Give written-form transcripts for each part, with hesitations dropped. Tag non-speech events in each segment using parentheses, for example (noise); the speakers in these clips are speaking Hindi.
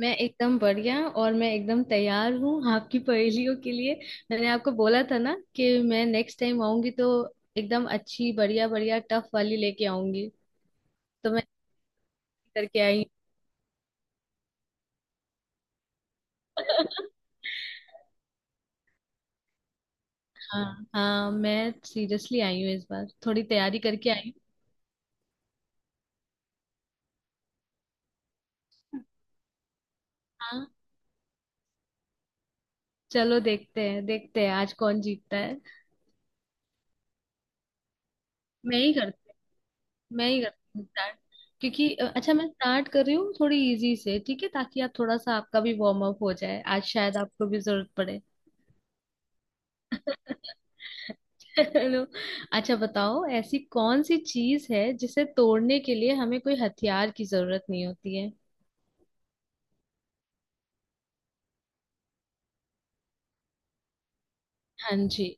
मैं एकदम बढ़िया और मैं एकदम तैयार हूँ आपकी पहेलियों के लिए। मैंने आपको बोला था ना कि मैं नेक्स्ट टाइम आऊंगी तो एकदम अच्छी बढ़िया बढ़िया टफ वाली लेके आऊंगी। तो मैं करके आई हूँ। (laughs) हाँ। हाँ मैं सीरियसली आई हूँ इस बार थोड़ी तैयारी करके आई हूँ। हाँ। चलो देखते हैं आज कौन जीतता है। मैं ही करती मैं ही करती हूँ स्टार्ट। क्योंकि अच्छा मैं स्टार्ट कर रही हूँ थोड़ी इजी से। ठीक है ताकि आप थोड़ा सा आपका भी वार्म अप हो जाए आज शायद आपको भी जरूरत पड़े। (laughs) चलो। अच्छा बताओ ऐसी कौन सी चीज है जिसे तोड़ने के लिए हमें कोई हथियार की जरूरत नहीं होती है? हाँ जी।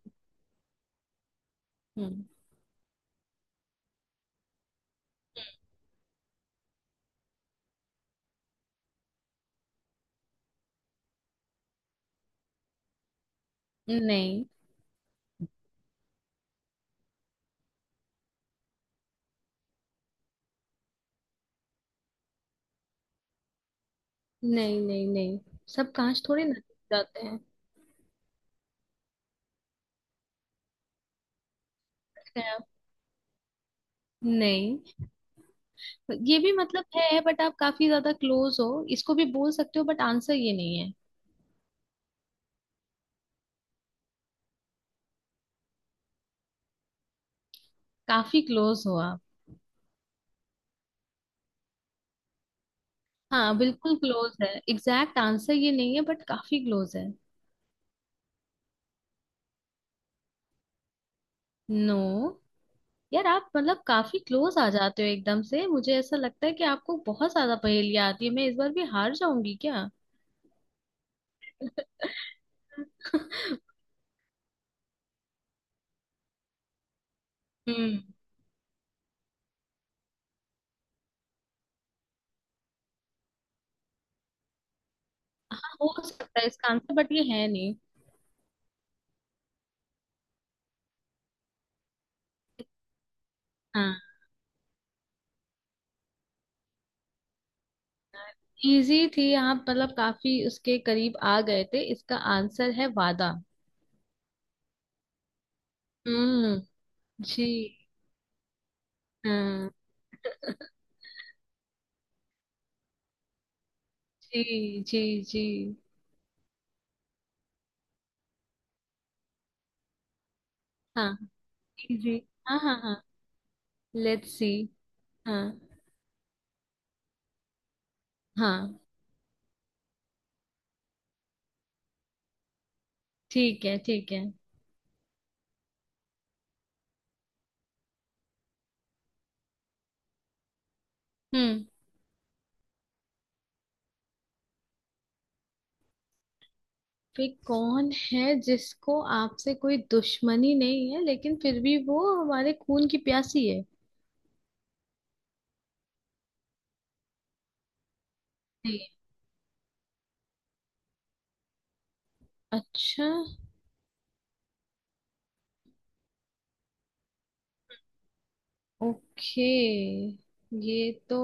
हम्म। नहीं नहीं नहीं नहीं, सब कांच थोड़े ना टूट जाते हैं। खैर, नहीं ये भी मतलब है बट आप काफी ज्यादा क्लोज हो इसको भी बोल सकते हो बट आंसर ये नहीं है। काफी क्लोज हो आप। हाँ बिल्कुल क्लोज है, एग्जैक्ट आंसर ये नहीं है बट काफी क्लोज है। नो। यार आप मतलब काफी क्लोज आ जाते हो एकदम से, मुझे ऐसा लगता है कि आपको बहुत ज्यादा पहेलियां आती है, मैं इस बार भी हार जाऊंगी क्या? (laughs) हम्म। हो सकता है इसका आंसर बट ये है नहीं। हाँ। इजी थी, आप मतलब काफी उसके करीब आ गए थे, इसका आंसर है वादा। हम्म। जी। हाँ जी जी जी। हाँ इजी। हाँ हाँ हाँ। Let's see. हाँ। हाँ। ठीक है ठीक है। हम्म। वे कौन है जिसको आपसे कोई दुश्मनी नहीं है लेकिन फिर भी वो हमारे खून की प्यासी है? नहीं। अच्छा। ओके। ये तो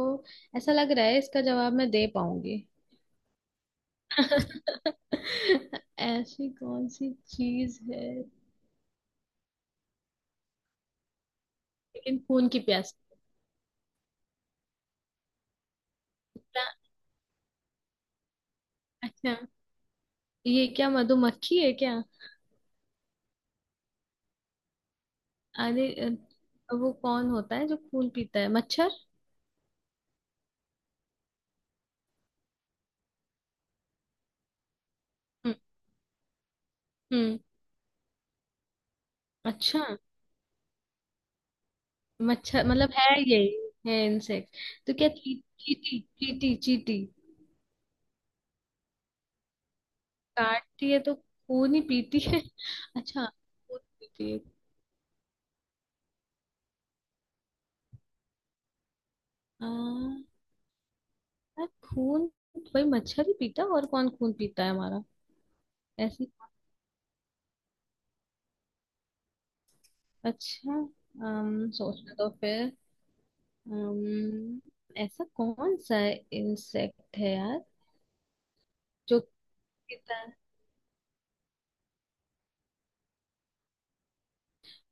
ऐसा लग रहा है इसका जवाब मैं दे पाऊंगी। (laughs) ऐसी कौन सी चीज है। लेकिन खून की प्यासी। क्या- अच्छा ये क्या मधुमक्खी है क्या? अरे। वो कौन होता है जो खून पीता है? मच्छर? हम्म। हम्म। अच्छा। मच्छर मतलब है यही। है इंसेक्ट। तो क्या चीटी चीटी चीटी? काटती है तो खून ही पीती है। (laughs) अच्छा। खून पीती है। आ, यार खून, भाई मच्छर ही पीता है, और कौन खून पीता है हमारा? ऐसी। अच्छा। सोचने दो फिर। अम, ऐसा कौन सा इंसेक्ट है यार जो पीता।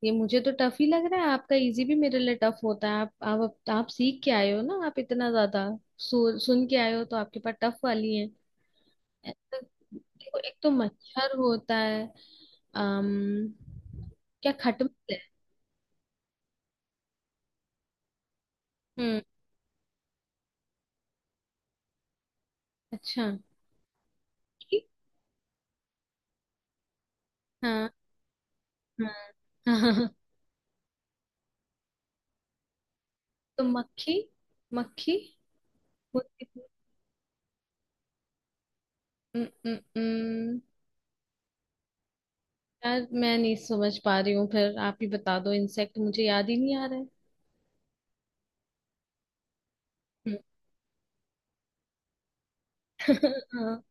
ये मुझे तो टफ ही लग रहा है, आपका इजी भी मेरे लिए टफ होता है। आप सीख के आए हो ना, आप इतना ज्यादा सुन के आए हो तो आपके पास टफ वाली है। तो देखो एक तो मच्छर होता है। अम क्या खटमल है? हम्म। अच्छा। ठीक, हाँ हाँ। (laughs) हाँ। तो मक्खी मक्खी होती है। उम, उम, उम, यार मैं नहीं समझ पा रही हूँ, फिर आप ही बता दो, इंसेक्ट मुझे याद ही नहीं आ रहा है। हम्म। (laughs) हाँ।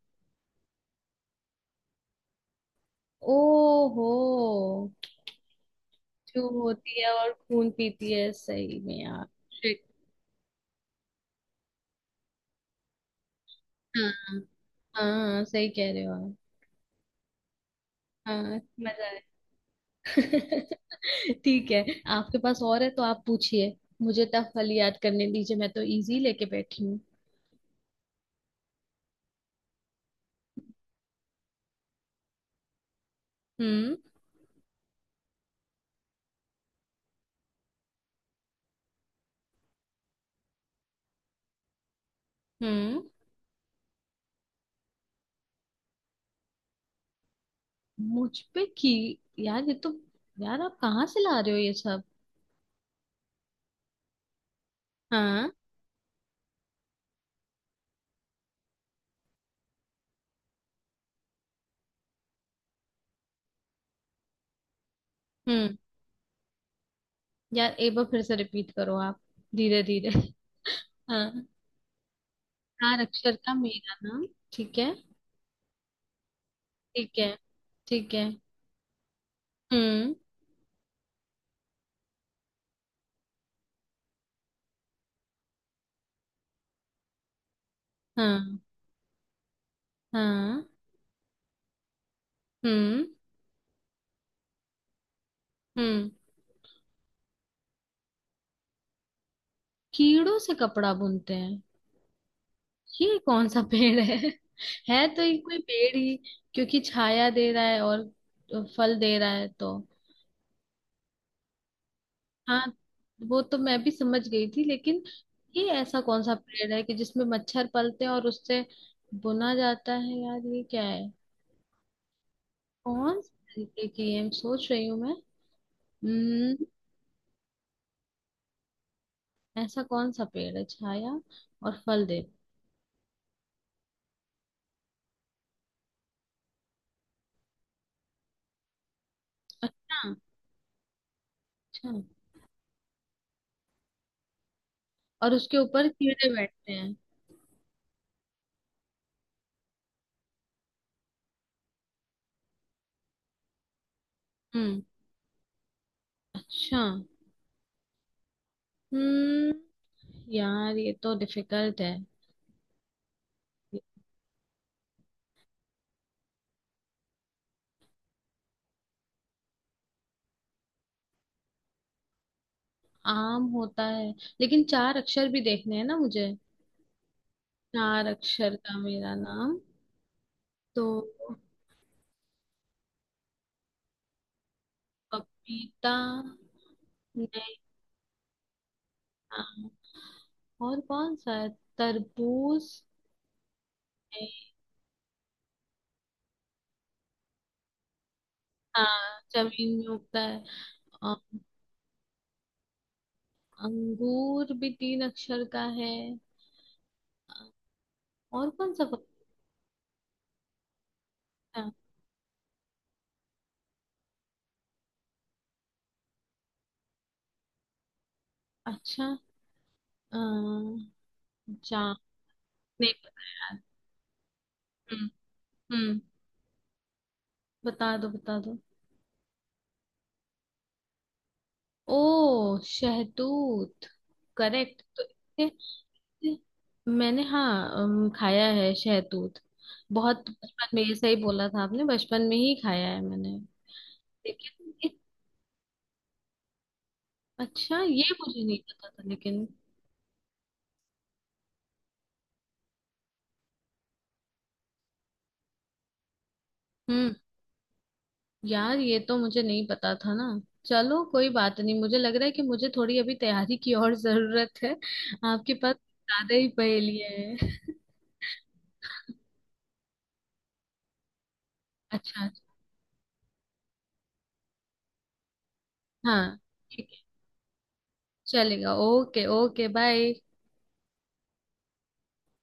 ओहो। जो होती है और खून पीती है सही में यार। शिट। हाँ। हाँ सही कह रहे हो आप। हाँ मजा आया। (laughs) ठीक है। आपके पास और है तो आप पूछिए। मुझे टफ वाली याद करने दीजिए, मैं तो इजी लेके बैठी हूँ। हम्म। हम्म। मुझ पे की यार ये तो यार आप कहाँ से ला रहे हो ये सब? हाँ। हम्म। यार एक बार फिर से रिपीट करो आप, धीरे धीरे। हाँ चार अक्षर का मेरा नाम। ठीक है ठीक है ठीक है। हम्म। हाँ हाँ। हम्म हम्म, कीड़ों से कपड़ा बुनते हैं। ये कौन सा पेड़ है? (laughs) है तो ये कोई पेड़ ही, क्योंकि छाया दे रहा है और फल दे रहा है तो। हाँ। वो तो मैं भी समझ गई थी लेकिन ये ऐसा कौन सा पेड़ है कि जिसमें मच्छर पलते हैं और उससे बुना जाता है? यार ये क्या है? कौन से तरीके की है सोच रही हूँ मैं। हम्म। ऐसा कौन सा पेड़ है? छाया और फल दे। अच्छा। अच्छा और उसके ऊपर कीड़े बैठते हैं? हम्म। अच्छा। हम्म। यार ये तो डिफिकल्ट है। आम होता है लेकिन चार अक्षर भी देखने हैं ना मुझे। चार अक्षर का मेरा नाम। तो पपीता। नहीं आम और कौन सा है? तरबूज। नहीं। हाँ जमीन में उगता है। अ- अंगूर भी तीन अक्षर का है। अ, और कौन सा? पपीता। अच्छा। अ, जाम। नहीं पता यार। हम्म। हम्म। बता दो बता दो। ओ शहतूत। करेक्ट। मैंने, हाँ, खाया है शहतूत। बहुत बचपन में, ये सही बोला था आपने, बचपन में ही खाया है मैंने। लेकिन ये- अच्छा ये मुझे नहीं पता था लेकिन। हम्म। यार ये तो मुझे नहीं पता था ना। चलो कोई बात नहीं, मुझे लग रहा है कि मुझे थोड़ी अभी तैयारी की और जरूरत है। आपके पास ज्यादा ही पहेलियां हैं। (laughs) अच्छा। हाँ चलेगा, ओके ओके, बाय।